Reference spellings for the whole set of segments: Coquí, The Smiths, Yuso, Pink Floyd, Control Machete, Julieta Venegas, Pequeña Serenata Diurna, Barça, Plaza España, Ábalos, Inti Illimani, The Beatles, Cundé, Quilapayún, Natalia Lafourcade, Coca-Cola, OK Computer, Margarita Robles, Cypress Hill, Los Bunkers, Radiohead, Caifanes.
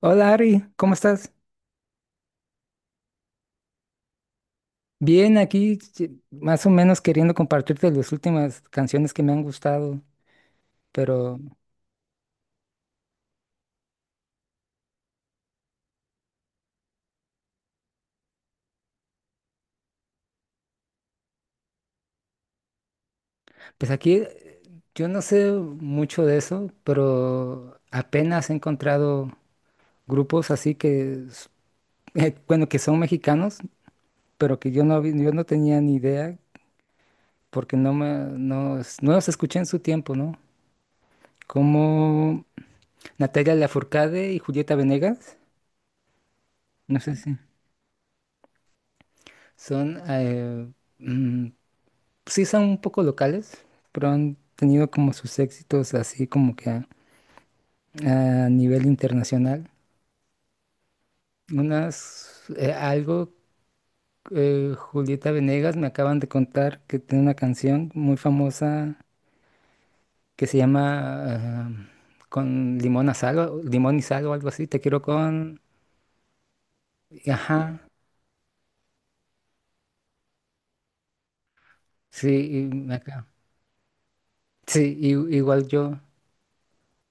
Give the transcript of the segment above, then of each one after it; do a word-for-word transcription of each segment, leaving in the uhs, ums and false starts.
Hola Ari, ¿cómo estás? Bien, aquí sí, más o menos queriendo compartirte las últimas canciones que me han gustado, pero pues aquí eh, yo no sé mucho de eso, pero apenas he encontrado grupos así que, s- eh, bueno, que son mexicanos, pero que yo no, vi- yo no tenía ni idea porque no, me, no, es- no los escuché en su tiempo, ¿no? Como Natalia Lafourcade y Julieta Venegas, no sé si son... eh, mm, sí son un poco locales, pero han tenido como sus éxitos así como que a, a nivel internacional. Unas, eh, algo, eh, Julieta Venegas me acaban de contar que tiene una canción muy famosa que se llama ah, Con limón a sal, o- limón y sal o algo así, te quiero con, y ajá, sí, y me acá. Sí, i- igual yo.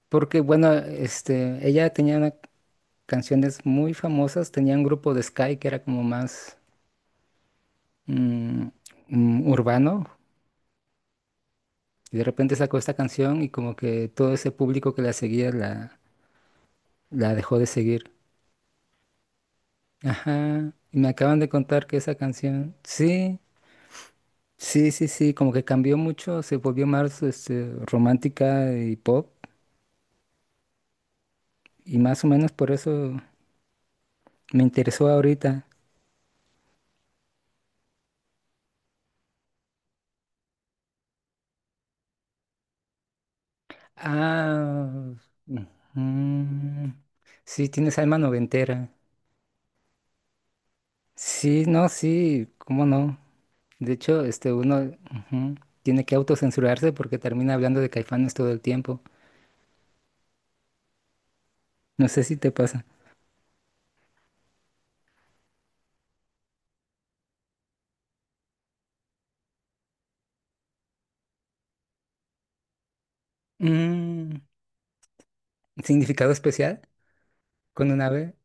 Porque bueno, este, ella tenía una- canciones muy famosas, tenía un grupo de Sky que era como más mm, mm, urbano, y de repente sacó esta canción y como que todo ese público que la seguía, la, la dejó de seguir. Ajá, y me acaban de contar que esa canción, sí, sí, sí, sí, como que cambió mucho, se volvió más este, romántica y pop, y más o menos por eso me interesó ahorita. Ah, ujú. Sí, tienes alma noventera. Sí, no, sí, cómo no. De hecho, este uno, ujú, tiene que autocensurarse porque termina hablando de Caifanes todo el tiempo. No sé si te pasa. Mm, ¿Significado especial con un ave?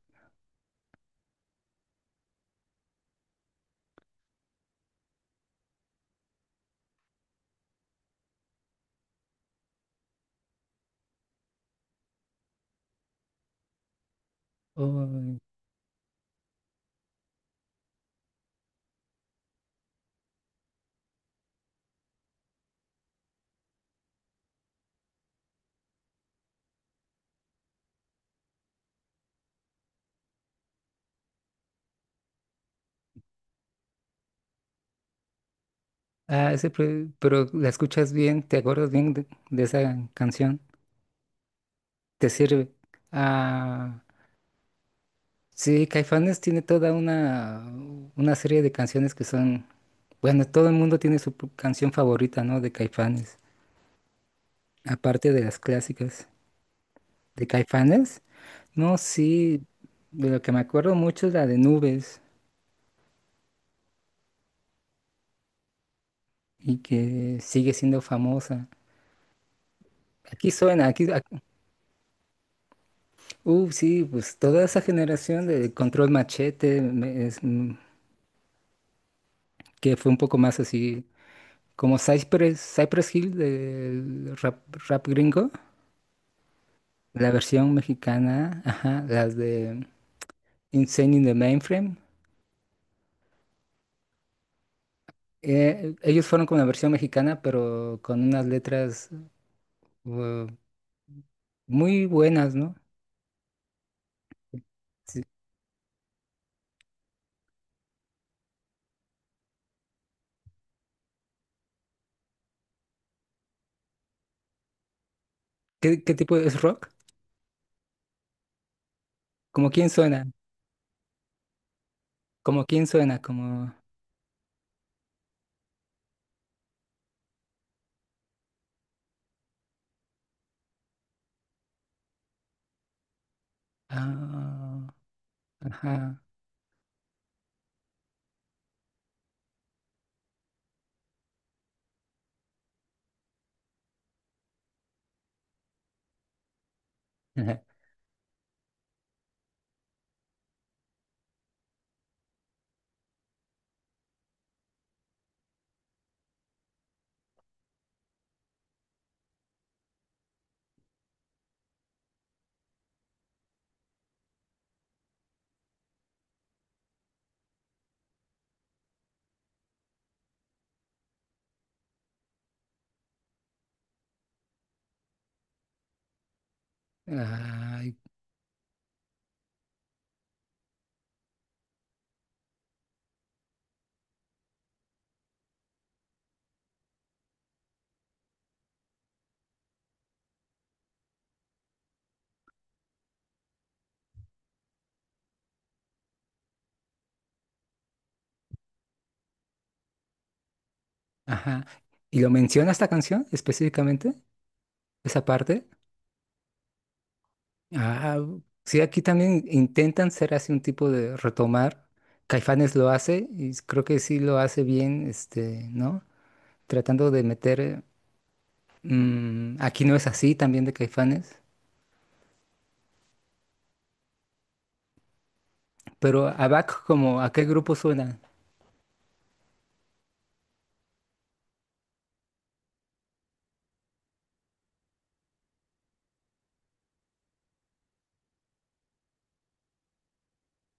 Oh, ah, ese pre- pero la escuchas bien, te acuerdas bien de, de esa canción. Te sirve. Ah, sí, Caifanes tiene toda una, una serie de canciones que son. Bueno, todo el mundo tiene su p- canción favorita, ¿no? De Caifanes. Aparte de las clásicas. ¿De Caifanes? No, sí, de lo que me acuerdo mucho es la de Nubes, y que sigue siendo famosa. Aquí suena, aquí, ac- uh, sí, pues toda esa generación de Control Machete, me- es, mm, que fue un poco más así, como Cypress, Cypress Hill del rap, rap gringo, la versión mexicana, ajá, las de Insane in the Mainframe. Eh, ellos fueron con la versión mexicana, pero con unas letras uh, muy buenas, ¿no? Sí. ¿Qué, qué tipo de- es rock? Como quién suena, como quién suena, como. Ah, ajá, ajá, ay, ajá. ¿Y lo menciona esta canción específicamente? ¿Esa parte? Ah, sí, aquí también intentan ser así un tipo de retomar. Caifanes lo hace y creo que sí lo hace bien, este, ¿no? Tratando de meter. Eh, mm, aquí no es así también de Caifanes, pero A B A C, como ¿a qué grupo suena?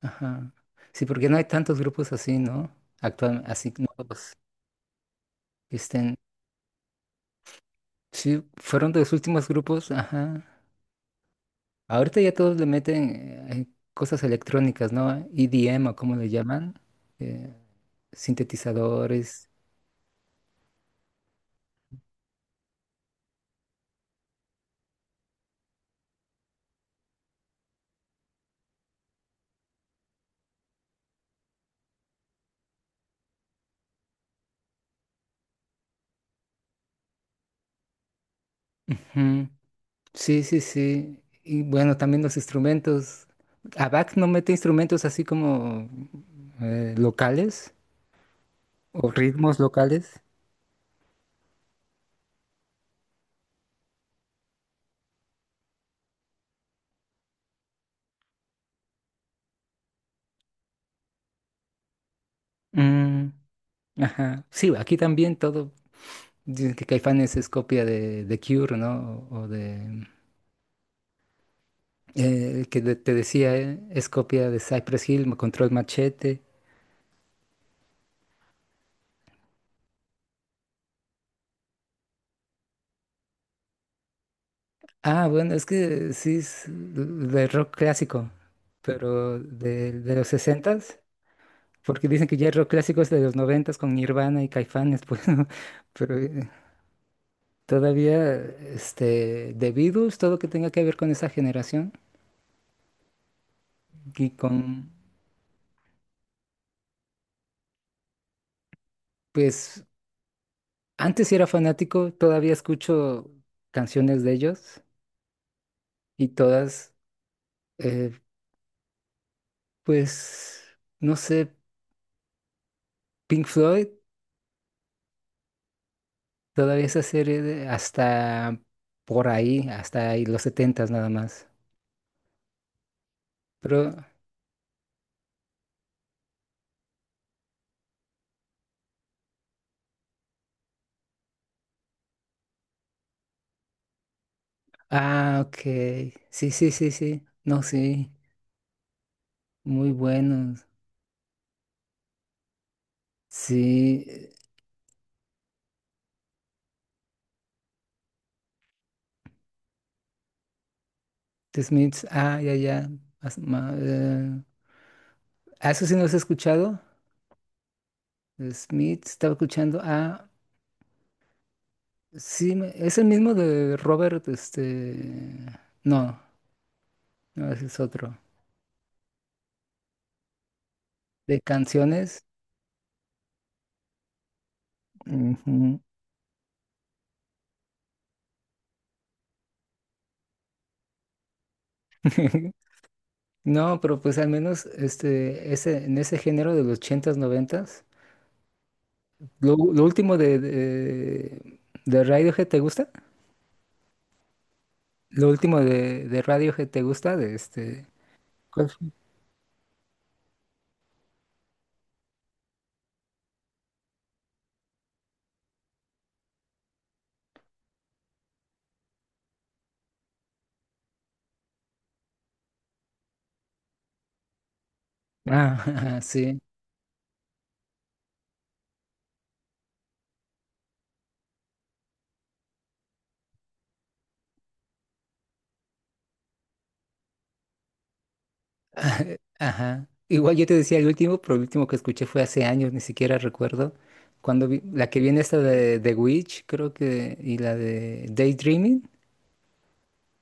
Ajá. Sí, porque no hay tantos grupos así, ¿no? Actual, así, no. Este, sí, fueron de los últimos grupos, ajá. Ahorita ya todos le meten eh, cosas electrónicas, ¿no? E D M, o como le llaman, eh, sintetizadores. Ujú. Sí, sí, sí. Y bueno, también los instrumentos. A B A C no mete instrumentos así como eh, locales o ritmos locales. Mm, ajá. Sí, aquí también todo. Dicen que Caifanes es copia de, de Cure, ¿no? O, o de eh, que de- te decía, eh, es copia de Cypress Hill, Ma- Control Machete. Ah, bueno, es que sí es de rock clásico, pero de, de los sesentas, porque dicen que ya el rock clásico es de los noventas con Nirvana y Caifanes, pues, ¿no? Pero eh, todavía este, The Beatles, todo lo que tenga que ver con esa generación, y con, pues, antes sí era fanático, todavía escucho canciones de ellos y todas, eh, pues, no sé. Pink Floyd, todavía esa serie de- hasta por ahí, hasta ahí, los setentas nada más. Pero, ah, ok. Sí, sí, sí, sí. No, sí. Muy buenos. Sí. eh, The Smiths, ah, ya, ya. as- ma- eh, ah, Eso sí no los he escuchado. The Smiths, estaba escuchando. Ah, sí, me- es el mismo de Robert, este. No, no, ese es otro. De canciones. Ujú. No, pero pues al menos este, ese, en ese género de los ochentas, noventas. Lo, lo último de, de, de Radiohead, ¿te gusta? Lo último de, de Radiohead, ¿te gusta? De este. ¿Cuál fue? Ah, ajá, sí. Ajá. Igual yo te decía el último, pero el último que escuché fue hace años, ni siquiera recuerdo. Cuando vi- la que viene esta de The Witch, creo que, y la de Daydreaming,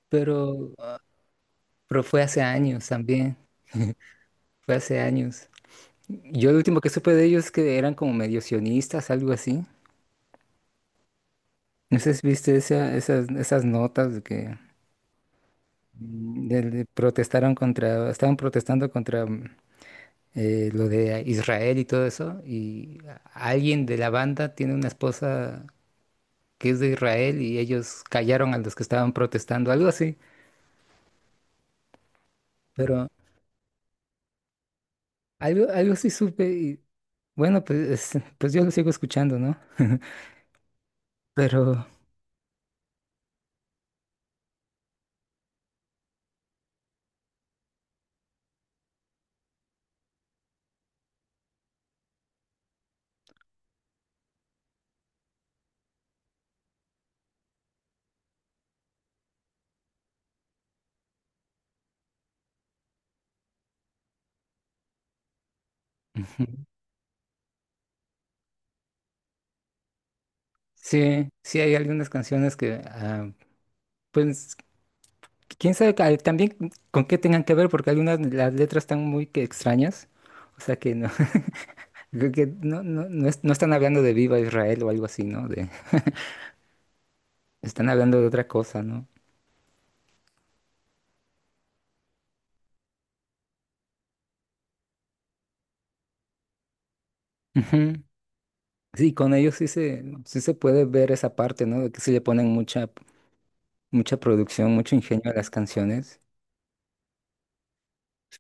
pero, pero fue hace años también. Fue hace años. Yo lo último que supe de ellos es que eran como medio sionistas, algo así. No sé si viste esa- esas, esas notas de que mm, de- de protestaron contra, estaban protestando contra mm, eh, lo de Israel y todo eso. Y a- alguien de la banda tiene una esposa que es de Israel y ellos callaron a los que estaban protestando, algo así. Pero algo, algo sí supe y bueno, pues, es- pues yo lo sigo escuchando, ¿no? Pero ujú, sí, sí hay algunas canciones que... ah, pues quién sabe ca- eh, también con qué tengan que ver, porque algunas de las letras están muy que extrañas. O sea que no, creo que no, no, no, es- no están hablando de Viva Israel o algo así, ¿no? De, están hablando de otra cosa, ¿no? Ujú. Sí, con ellos sí se, sí se, puede ver esa parte, ¿no? De que sí le ponen mucha, mucha producción, mucho ingenio a las canciones.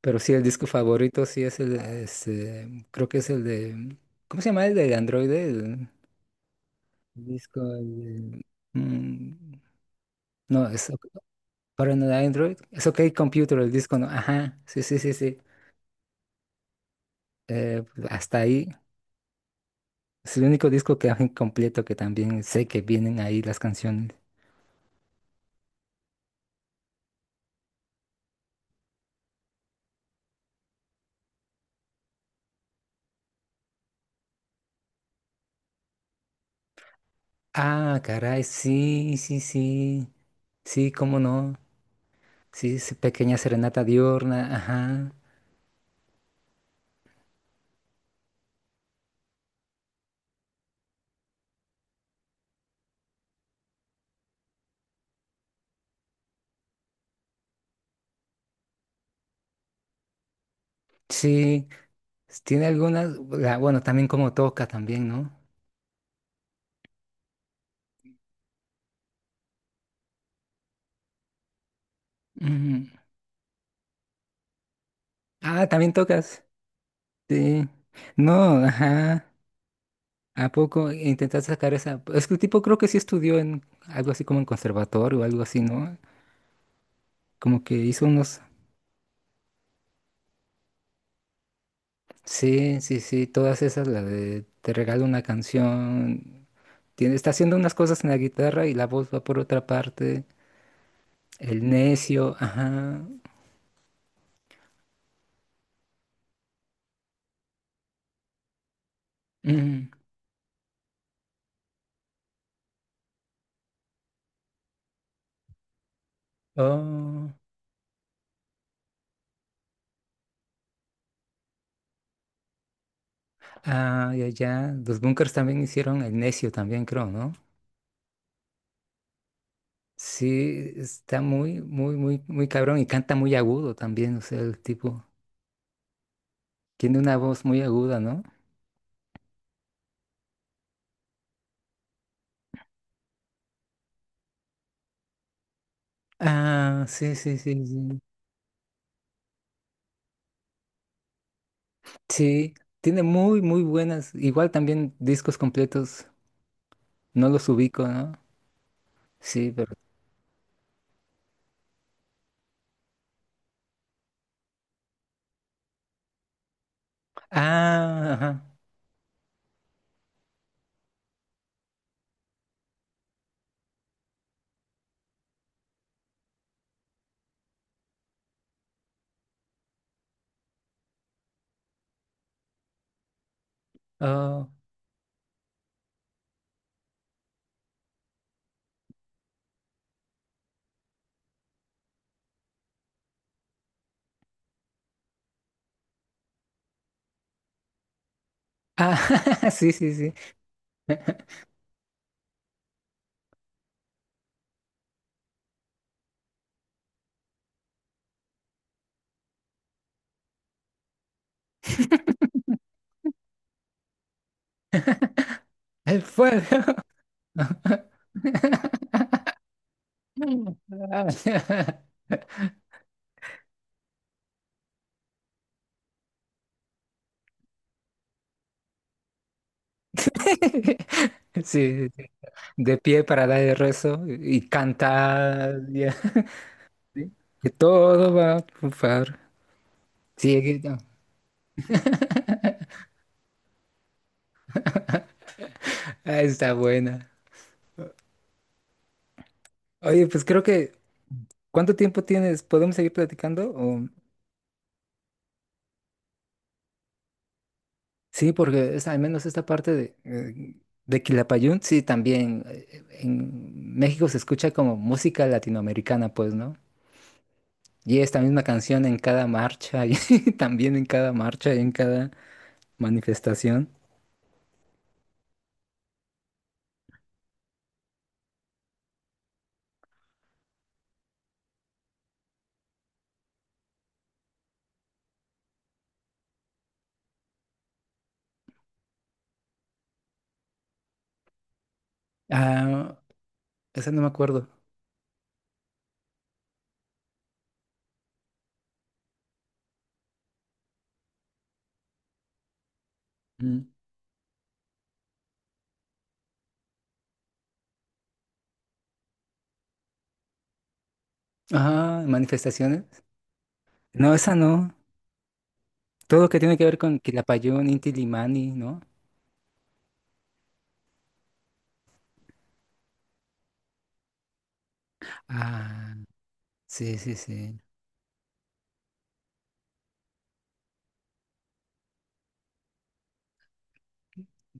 Pero sí, el disco favorito sí es el, este, creo que es el de, ¿cómo se llama el del androide? El disco, el de- mm, no, es. Para un Android, es OK Computer, el disco, no. Ajá, sí, sí, sí, sí. Eh, Hasta ahí. Es el único disco que hay completo, que también sé que vienen ahí las canciones. Ah, caray, sí, sí, sí. Sí, cómo no. Sí, sí, Pequeña Serenata Diurna, ajá. Sí, s- tiene algunas. la- Bueno, también como toca también, ¿no? Ujú. Ah, también tocas. Sí. No, ajá. ¿A poco intentaste sacar esa? Es que el tipo creo que sí estudió en algo así como en conservatorio o algo así, ¿no? Como que hizo unos. Sí, sí, sí, todas esas, la de te regalo una canción. Tiene, está haciendo unas cosas en la guitarra y la voz va por otra parte. El necio, ajá. Mm, oh, ah, ya, ya. Los Bunkers también hicieron el necio también, creo, ¿no? Sí, está muy, muy, muy, muy cabrón y canta muy agudo también, o sea, el tipo tiene una voz muy aguda, ¿no? Ah, sí, sí, sí, sí. Sí, tiene muy, muy buenas. Igual también discos completos. No los ubico, ¿no? Sí, pero. Ah, ajá. Oh. Ah, sí, sí, sí. El fuego. Mm. Ah. Sí, sí, sí. De pie para dar el rezo y cantar. Ya. Sí. Que todo va a triunfar. Sí, aquí está. Ah, está buena. Oye, pues creo que. ¿Cuánto tiempo tienes? ¿Podemos seguir platicando? O. Sí, porque es, al menos esta parte de, eh, de Quilapayún, sí, también eh, en México se escucha como música latinoamericana, pues, ¿no? Y esta misma canción en cada marcha, y también en cada marcha y en cada manifestación. Ah, esa no me acuerdo. Mm. Ah, manifestaciones. No, esa no. Todo lo que tiene que ver con Quilapayún, Inti Illimani, ¿no? Ah, sí, sí, sí.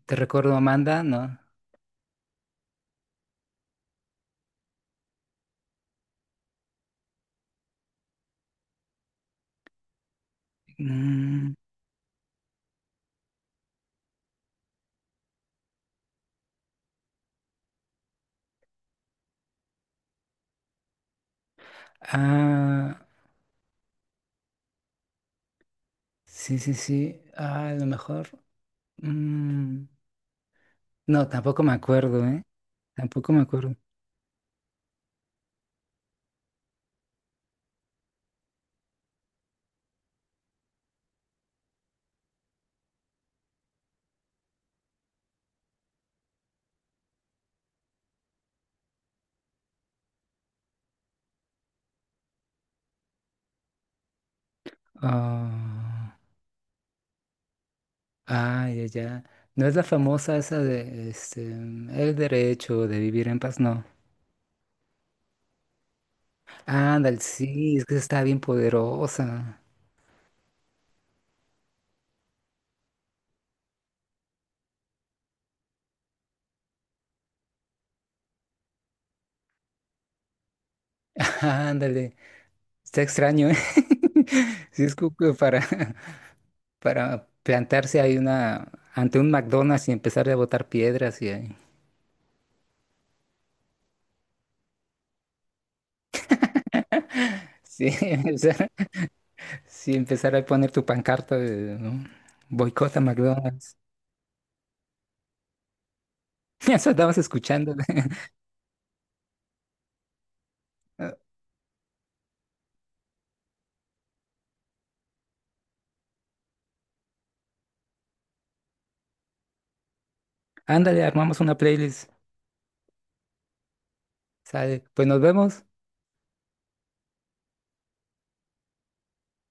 ¿Te recuerdo, Amanda? No. Mm, ah, sí, sí, sí. Ah, a lo mejor. Mm, no, tampoco me acuerdo, ¿eh? Tampoco me acuerdo. Ah, ah, ya, ya. No es la famosa esa de este, el derecho de vivir en paz, no. Ándale, sí, es que está bien poderosa. Ándale, está extraño, ¿eh? Sí, es como que para, para plantarse ahí una, ante un McDonald's y empezar a botar piedras y ahí. Sí, o sea, si empezara a poner tu pancarta de, ¿no? Boicota McDonald's. Eso andabas escuchando. Ándale, armamos una playlist. Sale. Pues nos vemos.